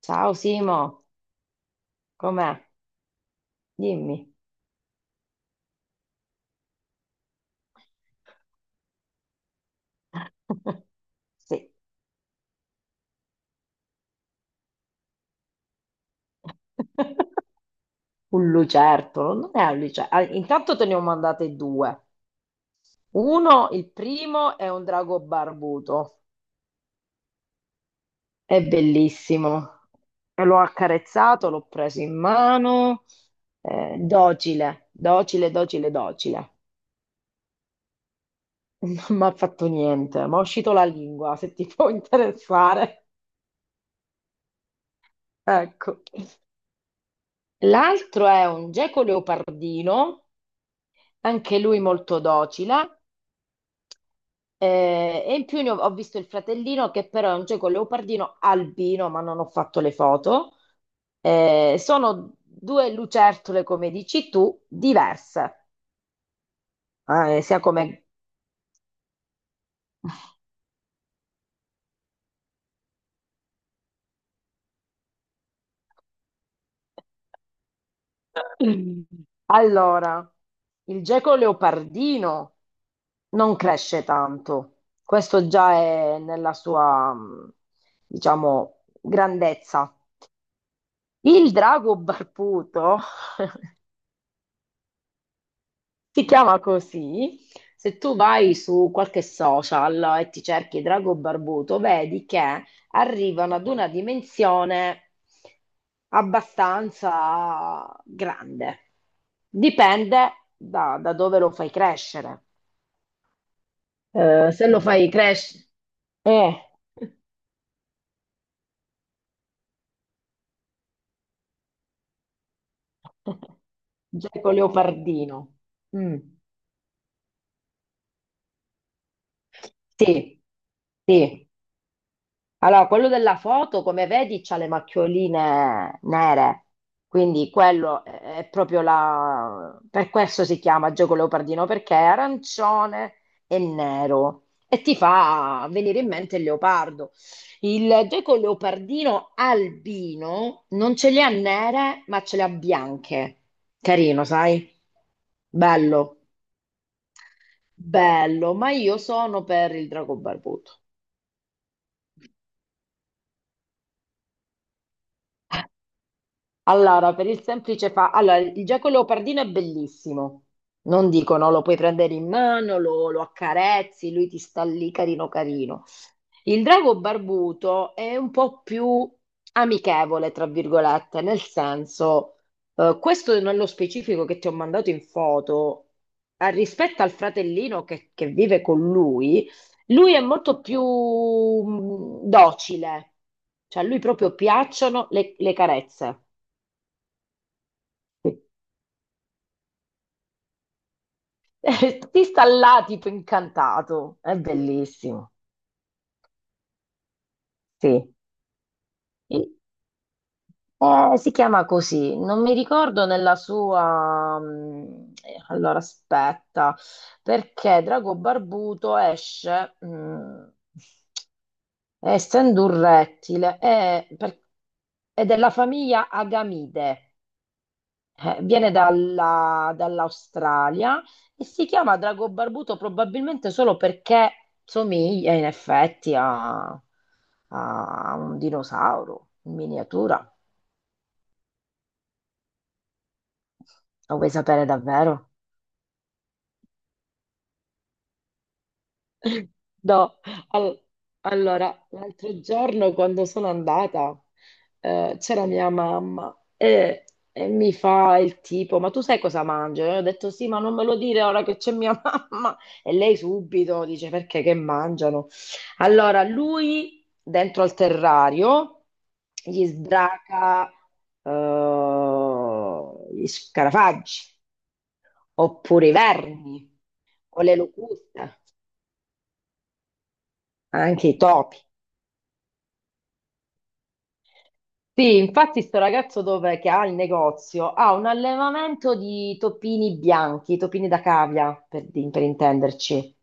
Ciao Simo, com'è? Dimmi. Sì. Un lucertolo, non è un lucertolo. Intanto te ne ho mandate due. Uno, il primo, è un drago barbuto. È bellissimo. E l'ho accarezzato, l'ho preso in mano. Docile, docile, docile, docile. Non mi ha fatto niente, mi è uscito la lingua, se ti può interessare. Ecco. L'altro è un geco leopardino. Anche lui molto docile. E in più ho visto il fratellino che però è un geco leopardino albino, ma non ho fatto le foto. Sono due lucertole, come dici tu, diverse, sia come... Allora, il geco leopardino non cresce tanto, questo già è nella sua, diciamo, grandezza. Il drago barbuto. Si chiama così. Se tu vai su qualche social e ti cerchi Drago Barbuto, vedi che arrivano ad una dimensione abbastanza grande. Dipende da dove lo fai crescere. Se lo fai crescere... Eh, Geco Leopardino. Mm. Sì, sì. Allora, quello della foto, come vedi, c'ha le macchioline nere, quindi quello è proprio la... Per questo si chiama gioco leopardino, perché è arancione e nero e ti fa venire in mente il leopardo. Il gioco leopardino albino non ce le ha nere, ma ce le ha bianche. Carino, sai? Bello, bello, ma io sono per il drago barbuto. Allora, per il semplice fa... Allora, il gecko leopardino è bellissimo. Non dico, no, lo puoi prendere in mano, lo accarezzi, lui ti sta lì carino carino. Il drago barbuto è un po' più amichevole, tra virgolette, nel senso, questo nello specifico che ti ho mandato in foto, rispetto al fratellino che vive con lui, lui è molto più docile, cioè a lui proprio piacciono le carezze. Ti sta là tipo incantato, è bellissimo, sì. E- si chiama così, non mi ricordo nella sua... Allora aspetta, perché Drago Barbuto esce, essendo un rettile, è della famiglia Agamide. Viene dall'Australia e si chiama drago barbuto probabilmente solo perché somiglia in effetti a, a un dinosauro in miniatura. Lo vuoi sapere davvero? No, al- allora, l'altro giorno quando sono andata c'era mia mamma e mi fa il tipo, ma tu sai cosa mangio? E ho detto sì, ma non me lo dire ora che c'è mia mamma. E lei subito dice perché che mangiano? Allora, lui dentro al terrario gli sbraca gli scarafaggi oppure i vermi o le locuste, anche i topi. Sì, infatti sto ragazzo che ha il negozio ha un allevamento di topini bianchi, topini da cavia, per intenderci.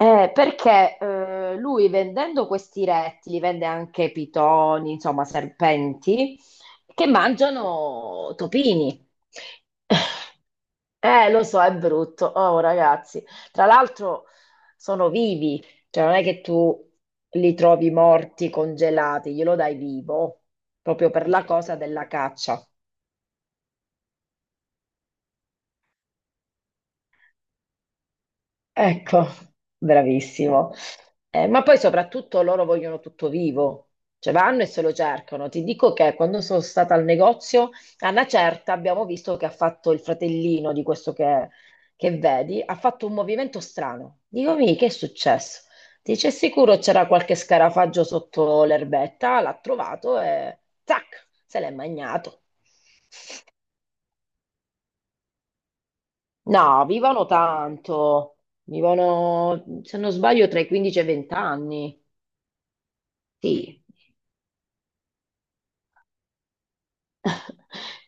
Perché lui vendendo questi rettili, vende anche pitoni, insomma serpenti, che mangiano topini. Lo so, è brutto. Oh, ragazzi. Tra l'altro sono vivi, cioè non è che tu li trovi morti, congelati, glielo dai vivo, proprio per la cosa della caccia. Ecco, bravissimo. Ma poi soprattutto loro vogliono tutto vivo, cioè vanno e se lo cercano. Ti dico che quando sono stata al negozio, a una certa abbiamo visto che ha fatto il fratellino di che vedi, ha fatto un movimento strano. Dico, mi, che è successo? Dice, sicuro c'era qualche scarafaggio sotto l'erbetta, l'ha trovato e zac, se l'è magnato. No, vivono tanto, vivono, se non sbaglio, tra i 15 e i 20 anni. Sì.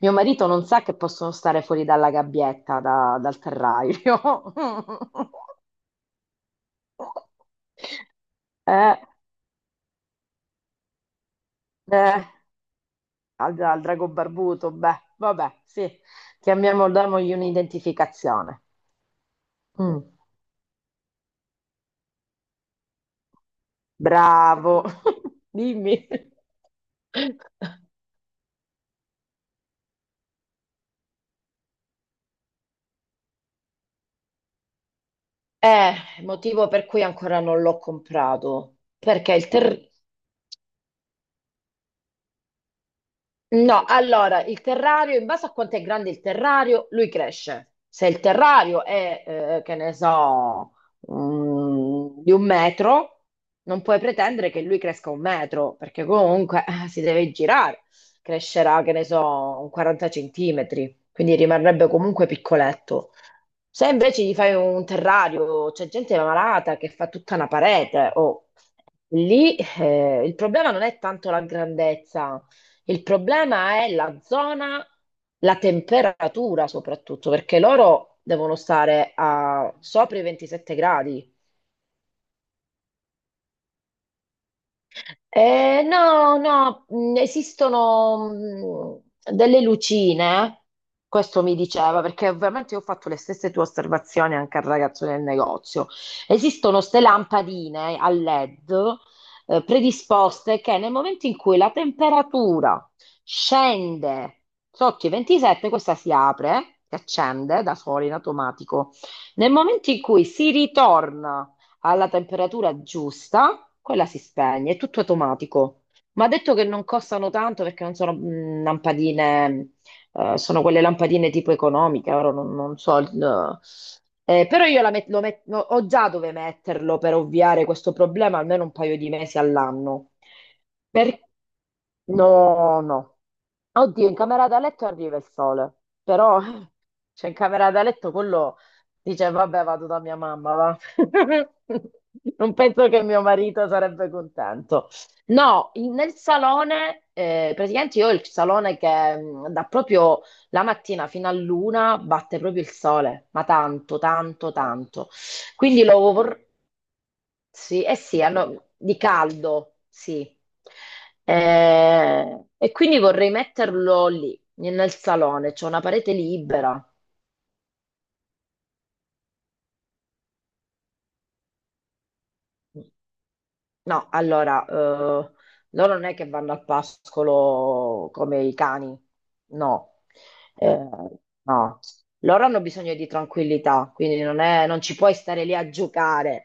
Mio marito non sa che possono stare fuori dalla gabbietta, dal terrario. Eh, eh, al drago barbuto, beh, vabbè, sì, chiamiamolo, damogli un'identificazione. Mm, bravo, dimmi. Eh, Motivo per cui ancora non l'ho comprato, perché il terrario... No, allora il terrario, in base a quanto è grande il terrario, lui cresce. Se il terrario è, che ne so, di un metro, non puoi pretendere che lui cresca un metro, perché comunque si deve girare. Crescerà, che ne so, un 40 centimetri, quindi rimarrebbe comunque piccoletto. Se invece gli fai un terrario, c'è gente malata che fa tutta una parete, o lì il problema non è tanto la grandezza, il problema è la zona, la temperatura soprattutto, perché loro devono stare a sopra i 27 gradi. No, no, esistono delle lucine, questo mi diceva, perché ovviamente io ho fatto le stesse tue osservazioni anche al ragazzo del negozio. Esistono ste lampadine a LED, predisposte che nel momento in cui la temperatura scende sotto i 27, questa si apre, si accende da sola in automatico. Nel momento in cui si ritorna alla temperatura giusta, quella si spegne, è tutto automatico. Ma ha detto che non costano tanto perché non sono lampadine, sono quelle lampadine tipo economiche, ora non so. Però io la met- lo met- no, ho già dove metterlo per ovviare questo problema almeno un paio di mesi all'anno. Per- No, no. Oddio, in camera da letto arriva il sole, però cioè in camera da letto quello dice vabbè vado da mia mamma, va. Non penso che mio marito sarebbe contento. No, nel salone, praticamente io ho il salone che da proprio la mattina fino all'una batte proprio il sole, ma tanto, tanto, tanto. Quindi lo, vor- sì, eh sì, hanno di caldo, sì. E quindi vorrei metterlo lì, nel salone, c'è una parete libera. No, allora, loro non è che vanno al pascolo come i cani, no. Eh, no, loro hanno bisogno di tranquillità, quindi non ci puoi stare lì a giocare.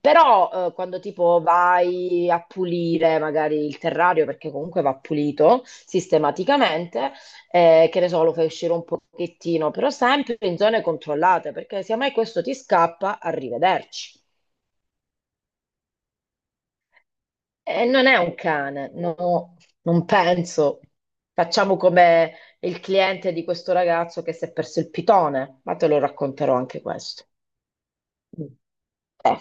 Però, quando tipo vai a pulire magari il terrario, perché comunque va pulito sistematicamente, che ne so, lo fai uscire un pochettino, però sempre in zone controllate, perché se mai questo ti scappa, arrivederci. Non è un cane, no, non penso. Facciamo come il cliente di questo ragazzo che si è perso il pitone, ma te lo racconterò anche questo. Mm. Eh.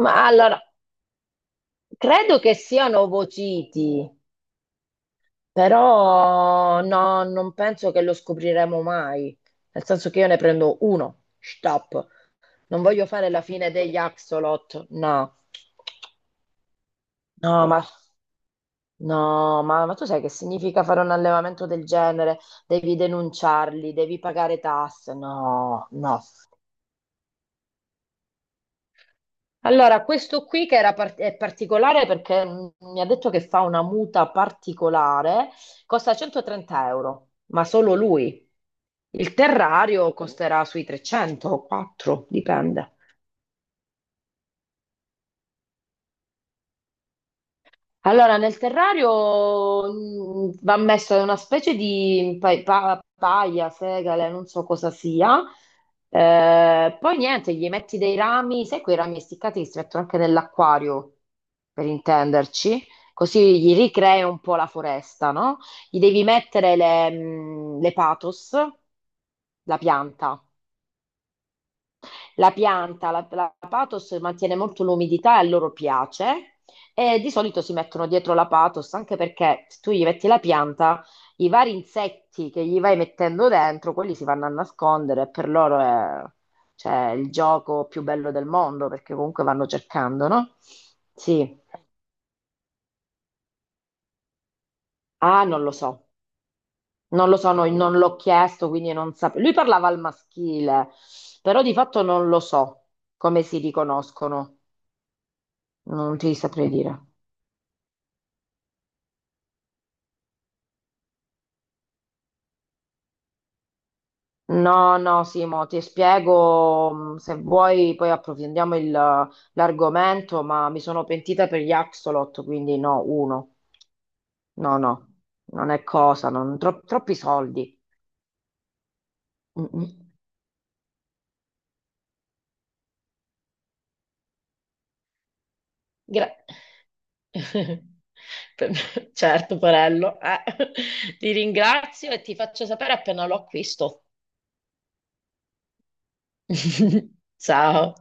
Ma allora, credo che siano ovociti, però no, non penso che lo scopriremo mai. Nel senso che io ne prendo uno, stop. Non voglio fare la fine degli axolot, no. No, ma no, ma tu sai che significa fare un allevamento del genere? Devi denunciarli, devi pagare tasse. No, no. Allora, questo qui è particolare perché mi ha detto che fa una muta particolare, costa 130 euro, ma solo lui. Il terrario costerà sui 300 o 4, dipende. Allora, nel terrario va messa una specie di paia, segale, non so cosa sia. Poi niente, gli metti dei rami, sai quei rami essiccati che si mettono anche nell'acquario, per intenderci. Così gli ricrei un po' la foresta, no? Gli devi mettere le patos, la pianta. La pianta, la pathos mantiene molto l'umidità e a loro piace e di solito si mettono dietro la pathos anche perché se tu gli metti la pianta, i vari insetti che gli vai mettendo dentro, quelli si vanno a nascondere e per loro è cioè, il gioco più bello del mondo perché comunque vanno cercando, no? Sì, ah, non lo so, no, non l'ho chiesto, quindi non sapevo. Lui parlava al maschile, però di fatto non lo so come si riconoscono, non ti saprei dire. No, no, Simo, ti spiego, se vuoi poi approfondiamo l'argomento, ma mi sono pentita per gli Axolot, quindi no, uno. No, no, non è cosa, troppi soldi. Mm, mm. Gra- Certo, Porello, eh. Ti ringrazio e ti faccio sapere appena lo acquisto. Ciao.